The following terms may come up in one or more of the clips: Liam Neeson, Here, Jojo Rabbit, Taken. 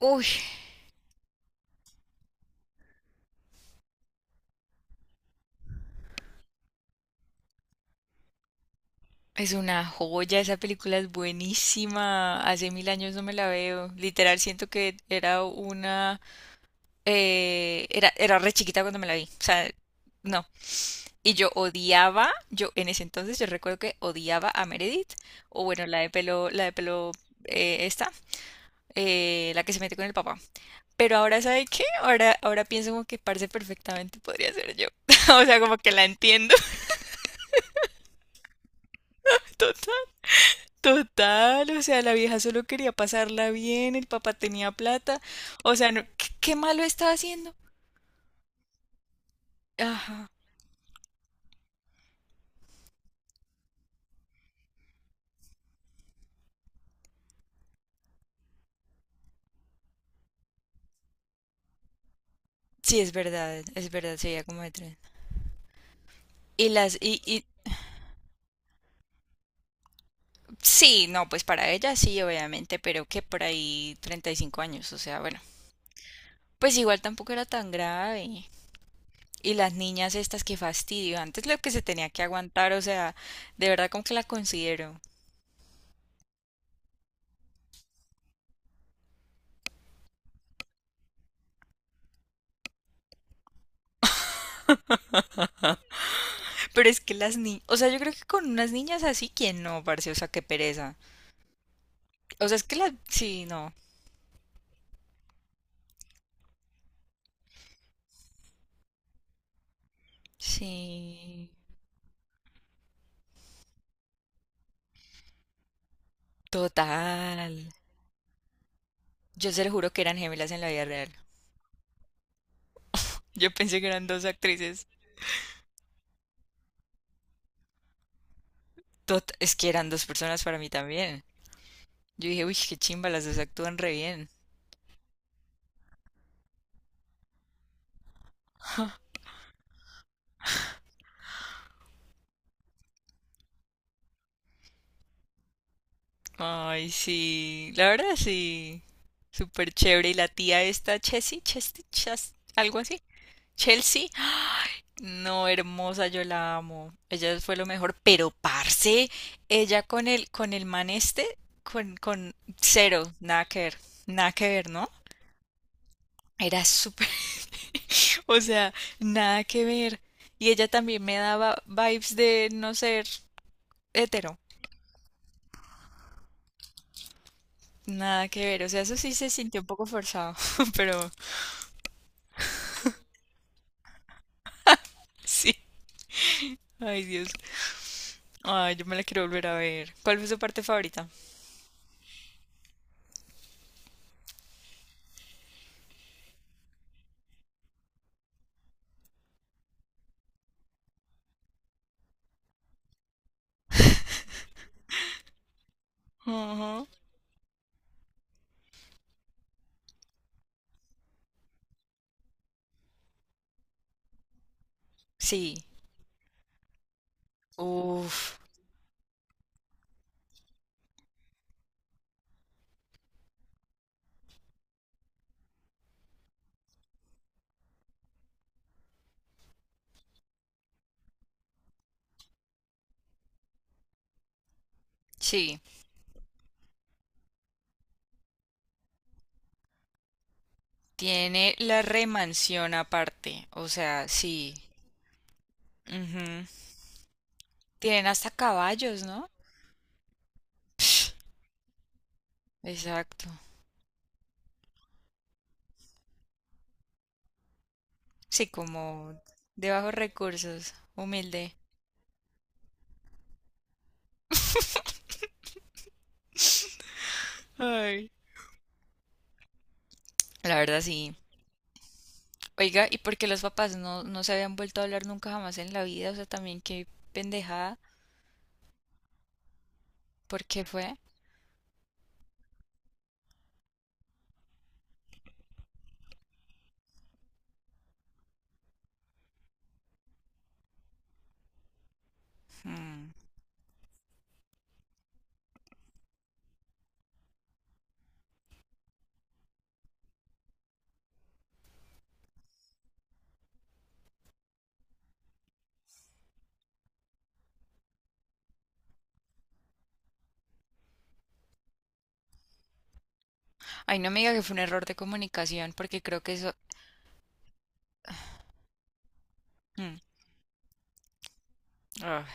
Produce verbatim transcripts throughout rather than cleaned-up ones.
Uy, es una joya, esa película es buenísima. Hace mil años no me la veo. Literal, siento que era una eh, era, era re chiquita cuando me la vi. O sea, no. Y yo odiaba, yo en ese entonces yo recuerdo que odiaba a Meredith, o bueno, la de pelo, la de pelo eh, esta, eh, la que se mete con el papá. Pero ahora, ¿sabe qué? Ahora, ahora pienso como que parce perfectamente podría ser yo. O sea, como que la entiendo. Total, o sea, la vieja solo quería pasarla bien, el papá tenía plata, o sea, no- ¿qué, qué malo estaba haciendo. Ajá, sí, es verdad, es verdad, sería como de tren. Y las, y, y, sí, no, pues para ella sí, obviamente, pero que por ahí treinta y cinco años, o sea, bueno, pues igual tampoco era tan grave. Y las niñas estas, que fastidio, antes lo que se tenía que aguantar, o sea, de verdad como que la considero. Pero es que las niñas, o sea, yo creo que con unas niñas así, ¿quién no, parce? O sea, qué pereza. O sea, es que la... Sí, no. Sí. Total. Yo se lo juro que eran gemelas en la vida real. Yo pensé que eran dos actrices. Tot- Es que eran dos personas para mí también. Yo dije, uy, qué chimba, las dos actúan re bien. Ay, sí. La verdad, sí. Súper chévere. Y la tía esta, Chessy, Chesty, Chas, algo así. Chelsea, ay, no, hermosa, yo la amo. Ella fue lo mejor, pero parce, ella con el con el man este, con con cero, nada que ver, nada que ver, ¿no? Era súper, o sea, nada que ver. Y ella también me daba vibes de no ser hetero, nada que ver. O sea, eso sí se sintió un poco forzado, pero sí. Ay, Dios. Ay, yo me la quiero volver a ver. ¿Cuál fue su parte favorita? Ajá. Sí. Uf. Sí, tiene la remansión aparte, o sea, sí. Ujú. Tienen hasta caballos, ¿no? Psh, exacto. Sí, como de bajos recursos, humilde. Ay. La verdad, sí. Oiga, ¿y por qué los papás no, no se habían vuelto a hablar nunca jamás en la vida? O sea, también qué pendejada. ¿Por qué fue? Mm. Ay, no me diga que fue un error de comunicación, porque creo que eso... Mm. Ah,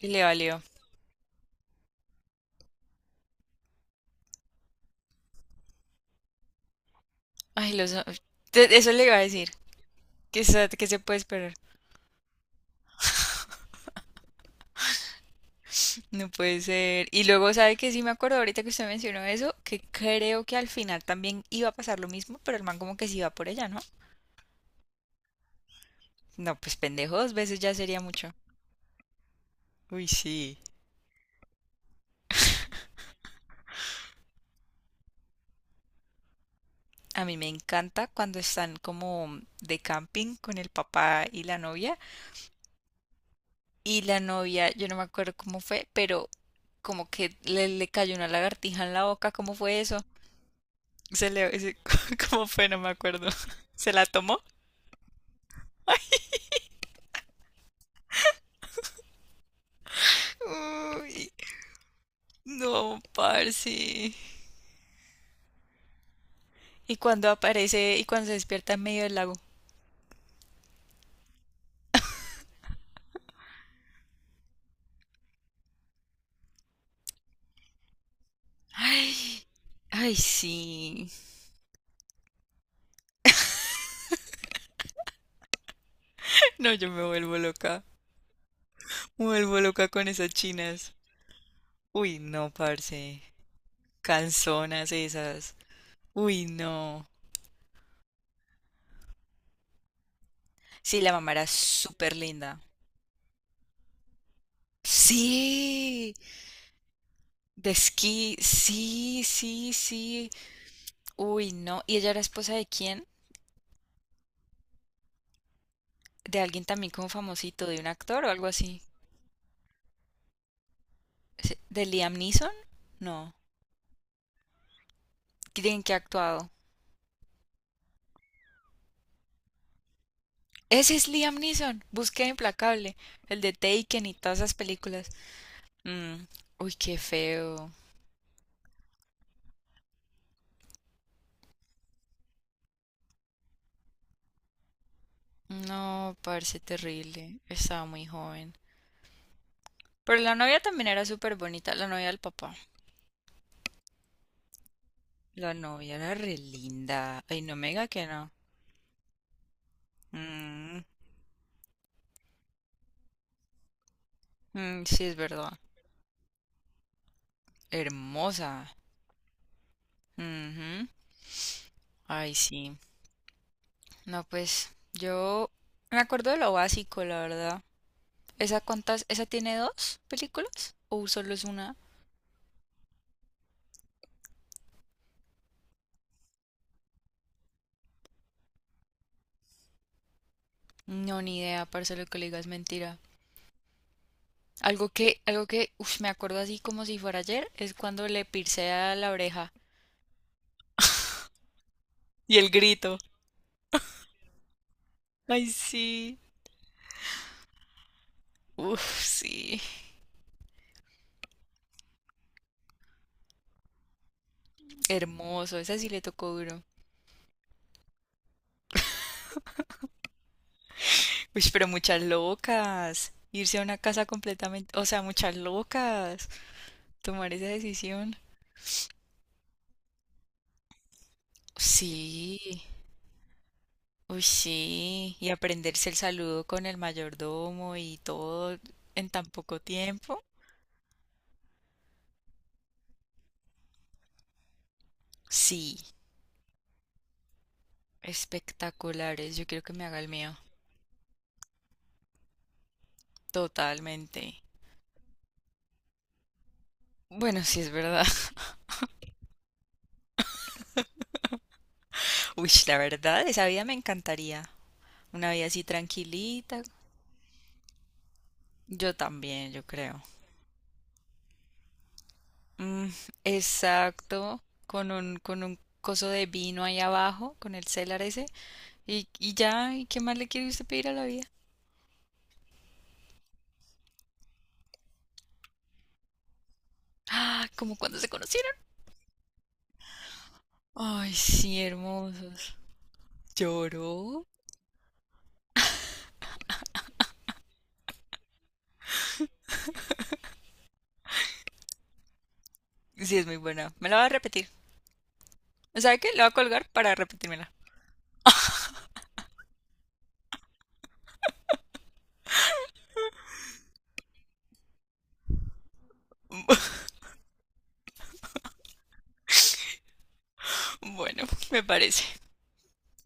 y le valió. Ay, los... Te- Eso le iba a decir. ¿Qué se, qué se puede esperar? No puede ser. Y luego, ¿sabe que Sí me acuerdo ahorita que usted mencionó eso, que creo que al final también iba a pasar lo mismo, pero el man como que sí iba por ella, ¿no? No, pues pendejo, dos veces ya sería mucho. Uy, sí. A mí me encanta cuando están como de camping con el papá y la novia. Y la novia, yo no me acuerdo cómo fue, pero como que le, le cayó una lagartija en la boca. ¿Cómo fue eso? Se le, se- ¿Cómo fue? No me acuerdo. ¿Se la tomó? Uy, no, parce. Y cuando aparece y cuando se despierta en medio del lago. Ay, ay, sí. No, yo me vuelvo loca. Me vuelvo loca con esas chinas. Uy, no, parce. Canzonas esas. Uy, no. Sí, la mamá era súper linda. Sí, de esquí, sí, sí, sí. Uy, no. ¿Y ella era esposa de quién? De alguien también como famosito, de un actor o algo así. ¿De Liam Neeson? No. ¿Quién que ha actuado? Ese es Liam Neeson. Búsqueda implacable. El de Taken y todas esas películas. Mm, uy, qué feo. No, parece terrible. Estaba muy joven. Pero la novia también era súper bonita. La novia del papá. La novia era re linda. Ay, no me diga que no. Mm, mm, sí, es verdad. Hermosa. Ujú. Ay, sí. No, pues yo me acuerdo de lo básico, la verdad. ¿Esa cuántas? ¿Esa tiene dos películas? ¿O solo es una? No, ni idea, parce, lo que le digas es mentira. Algo que, algo que, uf, me acuerdo así como si fuera ayer, es cuando le pircea la oreja y el grito. Ay, sí. Uf, sí. Hermoso, esa sí le tocó duro. Uy, pero muchas locas. Irse a una casa completamente, o sea, muchas locas. Tomar esa decisión. Sí. Uy, sí. Y aprenderse el saludo con el mayordomo y todo en tan poco tiempo. Sí. Espectaculares, yo quiero que me haga el mío. Totalmente. Bueno, sí es verdad. Uy, la verdad, esa vida me encantaría. Una vida así tranquilita. Yo también, yo creo. Mm, exacto. Con un, con un coso de vino ahí abajo, con el celar ese. Y, y ya, ¿y qué más le quiere usted pedir a la vida? Ah, como cuando se conocieron. Ay, sí, hermosos. ¿Lloró? Sí, es muy buena. Me la va a repetir. ¿Sabe qué? La voy a colgar para repetírmela. Bueno, me parece.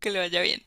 Que le vaya bien.